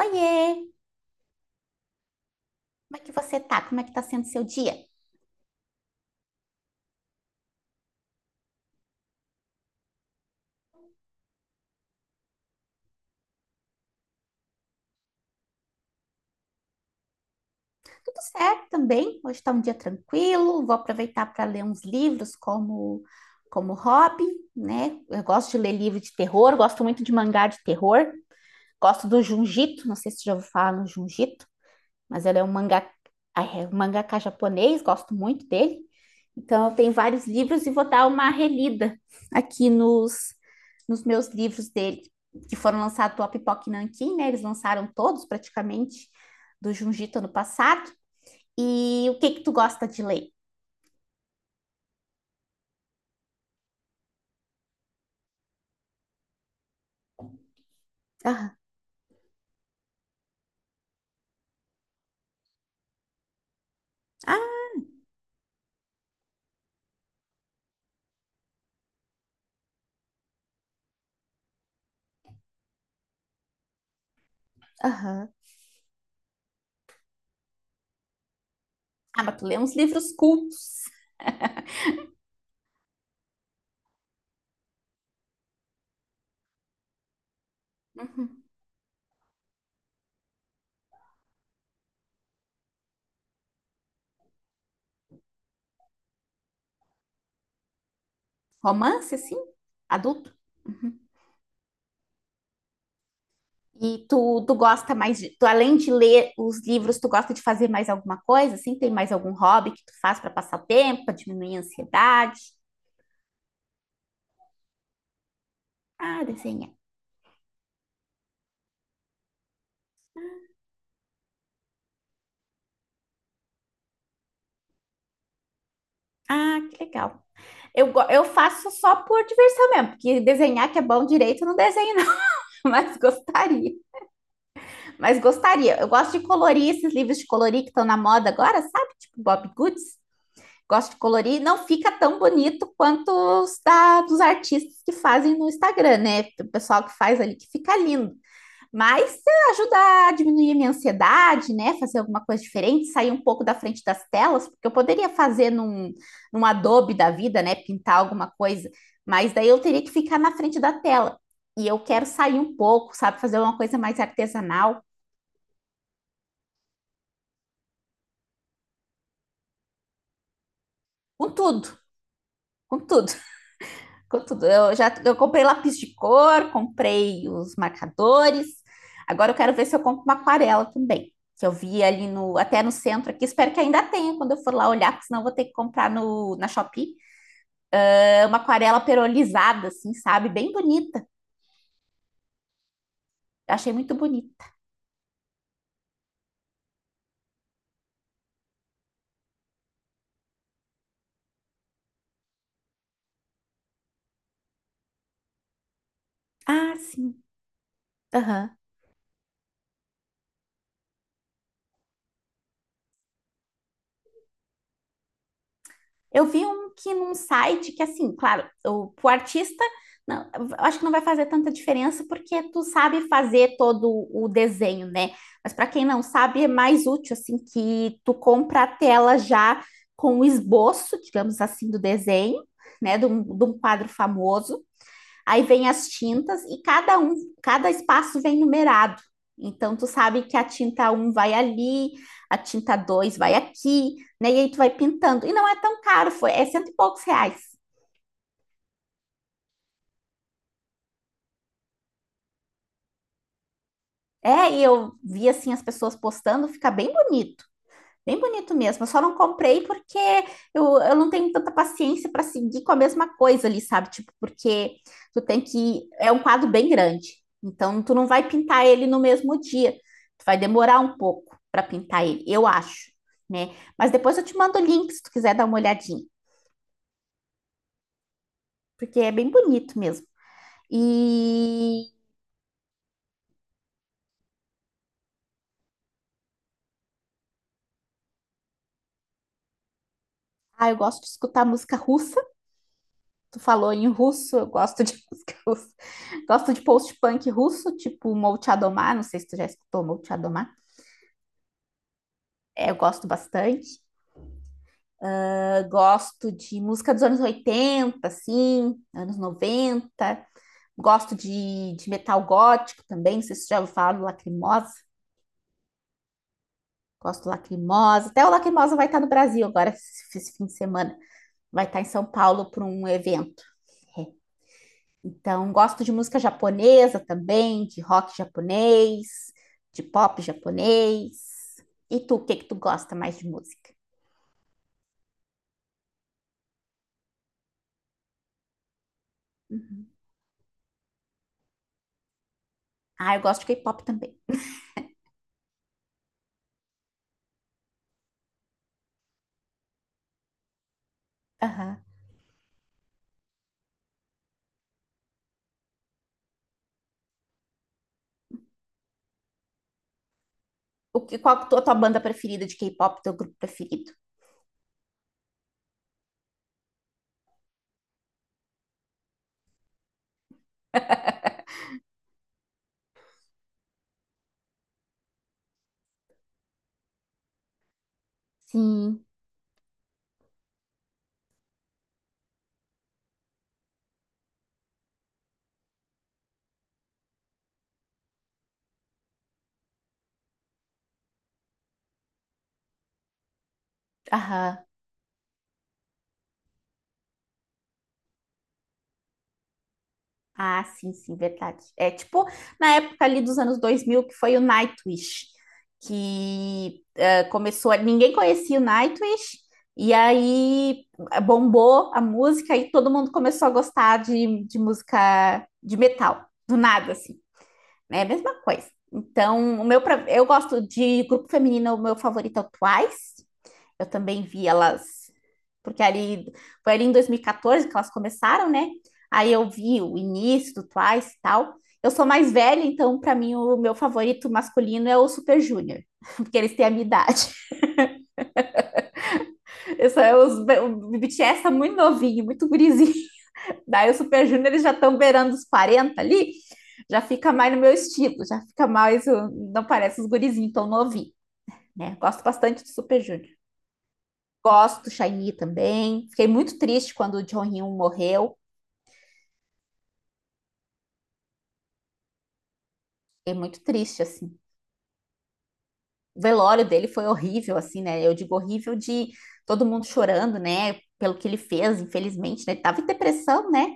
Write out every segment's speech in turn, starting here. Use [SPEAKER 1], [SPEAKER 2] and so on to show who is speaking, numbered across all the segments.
[SPEAKER 1] Oiê, como é que você tá? Como é que tá sendo seu dia? Tudo certo também. Hoje tá um dia tranquilo. Vou aproveitar para ler uns livros como hobby, né? Eu gosto de ler livro de terror, gosto muito de mangá de terror. Gosto do Junjito, não sei se você já ouviu falar no Junjito. Mas ela é um mangá, é um mangaka japonês, gosto muito dele. Então, eu tenho vários livros e vou dar uma relida aqui nos, nos meus livros dele, que foram lançados pela Pipoca e Nanquim, né? Eles lançaram todos, praticamente, do Junjito ano passado. E o que que tu gosta de ler? Aham. Ah, aham. Ah, mas tu lê uns livros cultos. Uhum. Romance, assim? Adulto? Uhum. E tu, tu gosta mais de, tu, além de ler os livros, tu gosta de fazer mais alguma coisa? Assim, tem mais algum hobby que tu faz para passar o tempo, para diminuir a ansiedade? Ah, desenhar. Ah, que legal. Eu faço só por diversão mesmo, porque desenhar que é bom direito, eu não desenho não, mas gostaria. Mas gostaria. Eu gosto de colorir esses livros de colorir que estão na moda agora, sabe? Tipo Bob Goods. Gosto de colorir. Não fica tão bonito quanto dos artistas que fazem no Instagram, né? O pessoal que faz ali que fica lindo. Mas ajuda a diminuir a minha ansiedade, né? Fazer alguma coisa diferente, sair um pouco da frente das telas, porque eu poderia num Adobe da vida, né? Pintar alguma coisa, mas daí eu teria que ficar na frente da tela. E eu quero sair um pouco, sabe? Fazer uma coisa mais artesanal, com tudo, com tudo. Tudo. Eu já eu comprei lápis de cor, comprei os marcadores. Agora eu quero ver se eu compro uma aquarela também, que eu vi ali no até no centro aqui. Espero que ainda tenha quando eu for lá olhar, porque senão eu vou ter que comprar no, na Shopee. É uma aquarela perolizada, assim, sabe? Bem bonita. Eu achei muito bonita. Ah, sim. Aham. Eu vi um que num site que, assim, claro, o, pro artista, não, eu acho que não vai fazer tanta diferença porque tu sabe fazer todo o desenho, né? Mas para quem não sabe, é mais útil, assim, que tu compra a tela já com o esboço, digamos assim, do desenho, né? De um quadro famoso. Aí vem as tintas e cada espaço vem numerado. Então tu sabe que a tinta um vai ali, a tinta 2 vai aqui, né? E aí tu vai pintando. E não é tão caro, foi, é cento e poucos reais. É, e eu vi assim as pessoas postando, fica bem bonito. Bem bonito mesmo. Eu só não comprei porque eu não tenho tanta paciência para seguir com a mesma coisa ali, sabe? Tipo, porque tu tem que. É um quadro bem grande. Então, tu não vai pintar ele no mesmo dia. Tu vai demorar um pouco para pintar ele, eu acho, né? Mas depois eu te mando o link se tu quiser dar uma olhadinha, porque é bem bonito mesmo. E. Ah, eu gosto de escutar música russa. Tu falou em russo, eu gosto de música russa. Gosto de post-punk russo, tipo Molchadomá, não sei se tu já escutou Molchadomá. É, eu gosto bastante. Eu gosto de música dos anos 80, assim, anos 90. Gosto de metal gótico também, não sei se tu já ouviu falar do Lacrimosa. Gosto do Lacrimosa. Até o Lacrimosa vai estar no Brasil agora, esse fim de semana. Vai estar em São Paulo para um evento. Então, gosto de música japonesa também, de rock japonês, de pop japonês. E tu, o que que tu gosta mais de música? Ah, eu gosto de K-pop também. Aham. O que, a tua banda preferida de K-pop, teu grupo preferido? Sim. Aham. Ah, sim, sim, verdade. É tipo na época ali dos anos 2000 que foi o Nightwish, que começou, ninguém conhecia o Nightwish, e aí bombou a música e todo mundo começou a gostar de música de metal, do nada, assim, né? A mesma coisa. Então, eu gosto de grupo feminino, o meu favorito é o Twice, eu também vi elas, porque ali foi ali em 2014 que elas começaram, né? Aí eu vi o início do Twice e tal. Eu sou mais velha, então para mim o meu favorito masculino é o Super Junior, porque eles têm a minha idade. Eu sou, eu, os, o BTS tá muito novinho, muito gurizinho. Daí o Super Junior eles já estão beirando os 40 ali, já fica mais no meu estilo, já fica mais, não parece os gurizinhos tão novinhos, né? Gosto bastante do Super Junior. Gosto do Shiny também. Fiquei muito triste quando o John Hyun morreu. Fiquei muito triste, assim. O velório dele foi horrível, assim, né? Eu digo horrível de todo mundo chorando, né? Pelo que ele fez, infelizmente, né? Ele tava em depressão, né?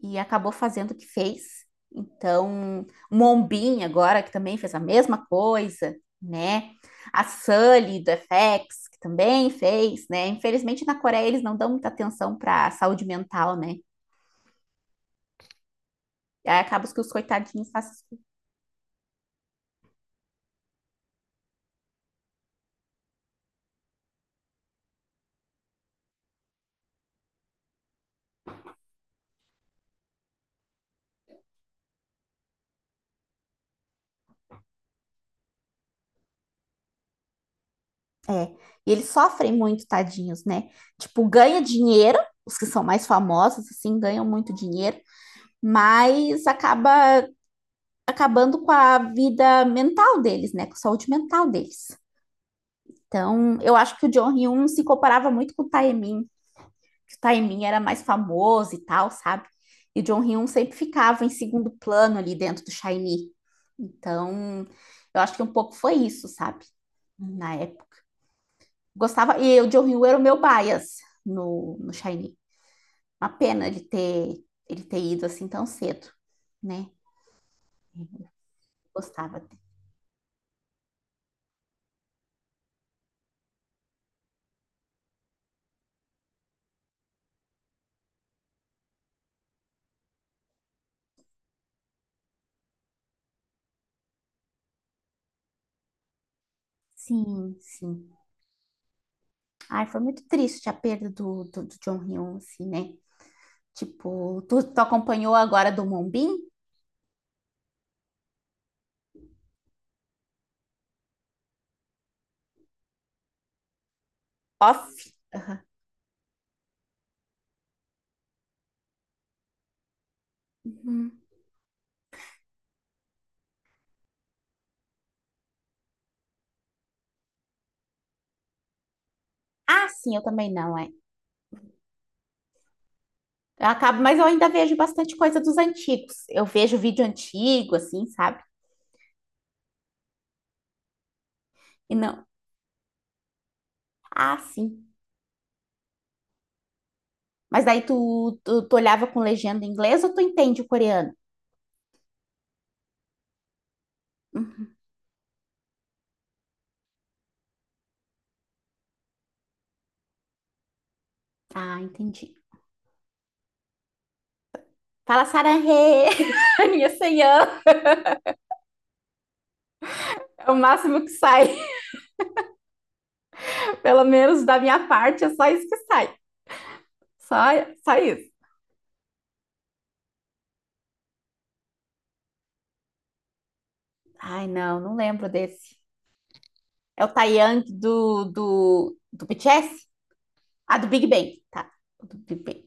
[SPEAKER 1] E acabou fazendo o que fez. Então, Mombin agora, que também fez a mesma coisa, né? A Sully do FX, que também fez, né? Infelizmente, na Coreia eles não dão muita atenção para saúde mental, né? E aí acaba que os coitadinhos fazem. É. E eles sofrem muito, tadinhos, né? Tipo, ganha dinheiro, os que são mais famosos, assim, ganham muito dinheiro, mas acabando com a vida mental deles, né? Com a saúde mental deles. Então, eu acho que o John Hyun se comparava muito com o Taemin, que o Taemin era mais famoso e tal, sabe? E o John Hyun sempre ficava em segundo plano ali dentro do SHINee. Então, eu acho que um pouco foi isso, sabe? Na época. Gostava, e o John Hill era o meu bias no Shiny. Uma pena de ter ele ter ido assim tão cedo, né? Eu gostava. Dele. Sim, sim. Ai, foi muito triste a perda do John Hill, assim, né? Tipo, tu acompanhou agora do Moonbin? Off. Uhum. Ah, sim, eu também não, é. Eu acabo, mas eu ainda vejo bastante coisa dos antigos. Eu vejo vídeo antigo, assim, sabe? E não. Ah, sim. Mas daí tu olhava com legenda em inglês ou tu entende o coreano? Uhum. Ah, entendi. Fala sarahê, minha senhã. É o máximo que sai, pelo menos da minha parte, é só isso que sai. Só, só isso. Ai, não, não lembro desse. É o Taeyang do BTS? Ah, do Big Bang. Tá, do Big Bang.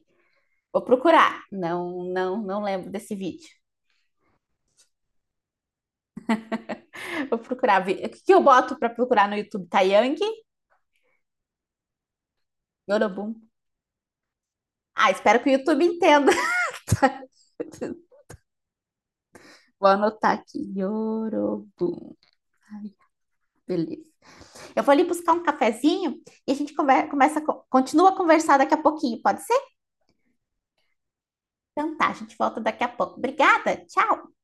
[SPEAKER 1] Vou procurar. Não, não, não lembro desse vídeo. Vou procurar. O que que eu boto pra procurar no YouTube? Taeyang? Yorobum. Ah, espero que o YouTube entenda. Vou anotar aqui. Yorobum. Ai, beleza. Eu vou ali buscar um cafezinho e a gente começa, continua a conversar daqui a pouquinho, pode ser? Então tá, a gente volta daqui a pouco. Obrigada, tchau!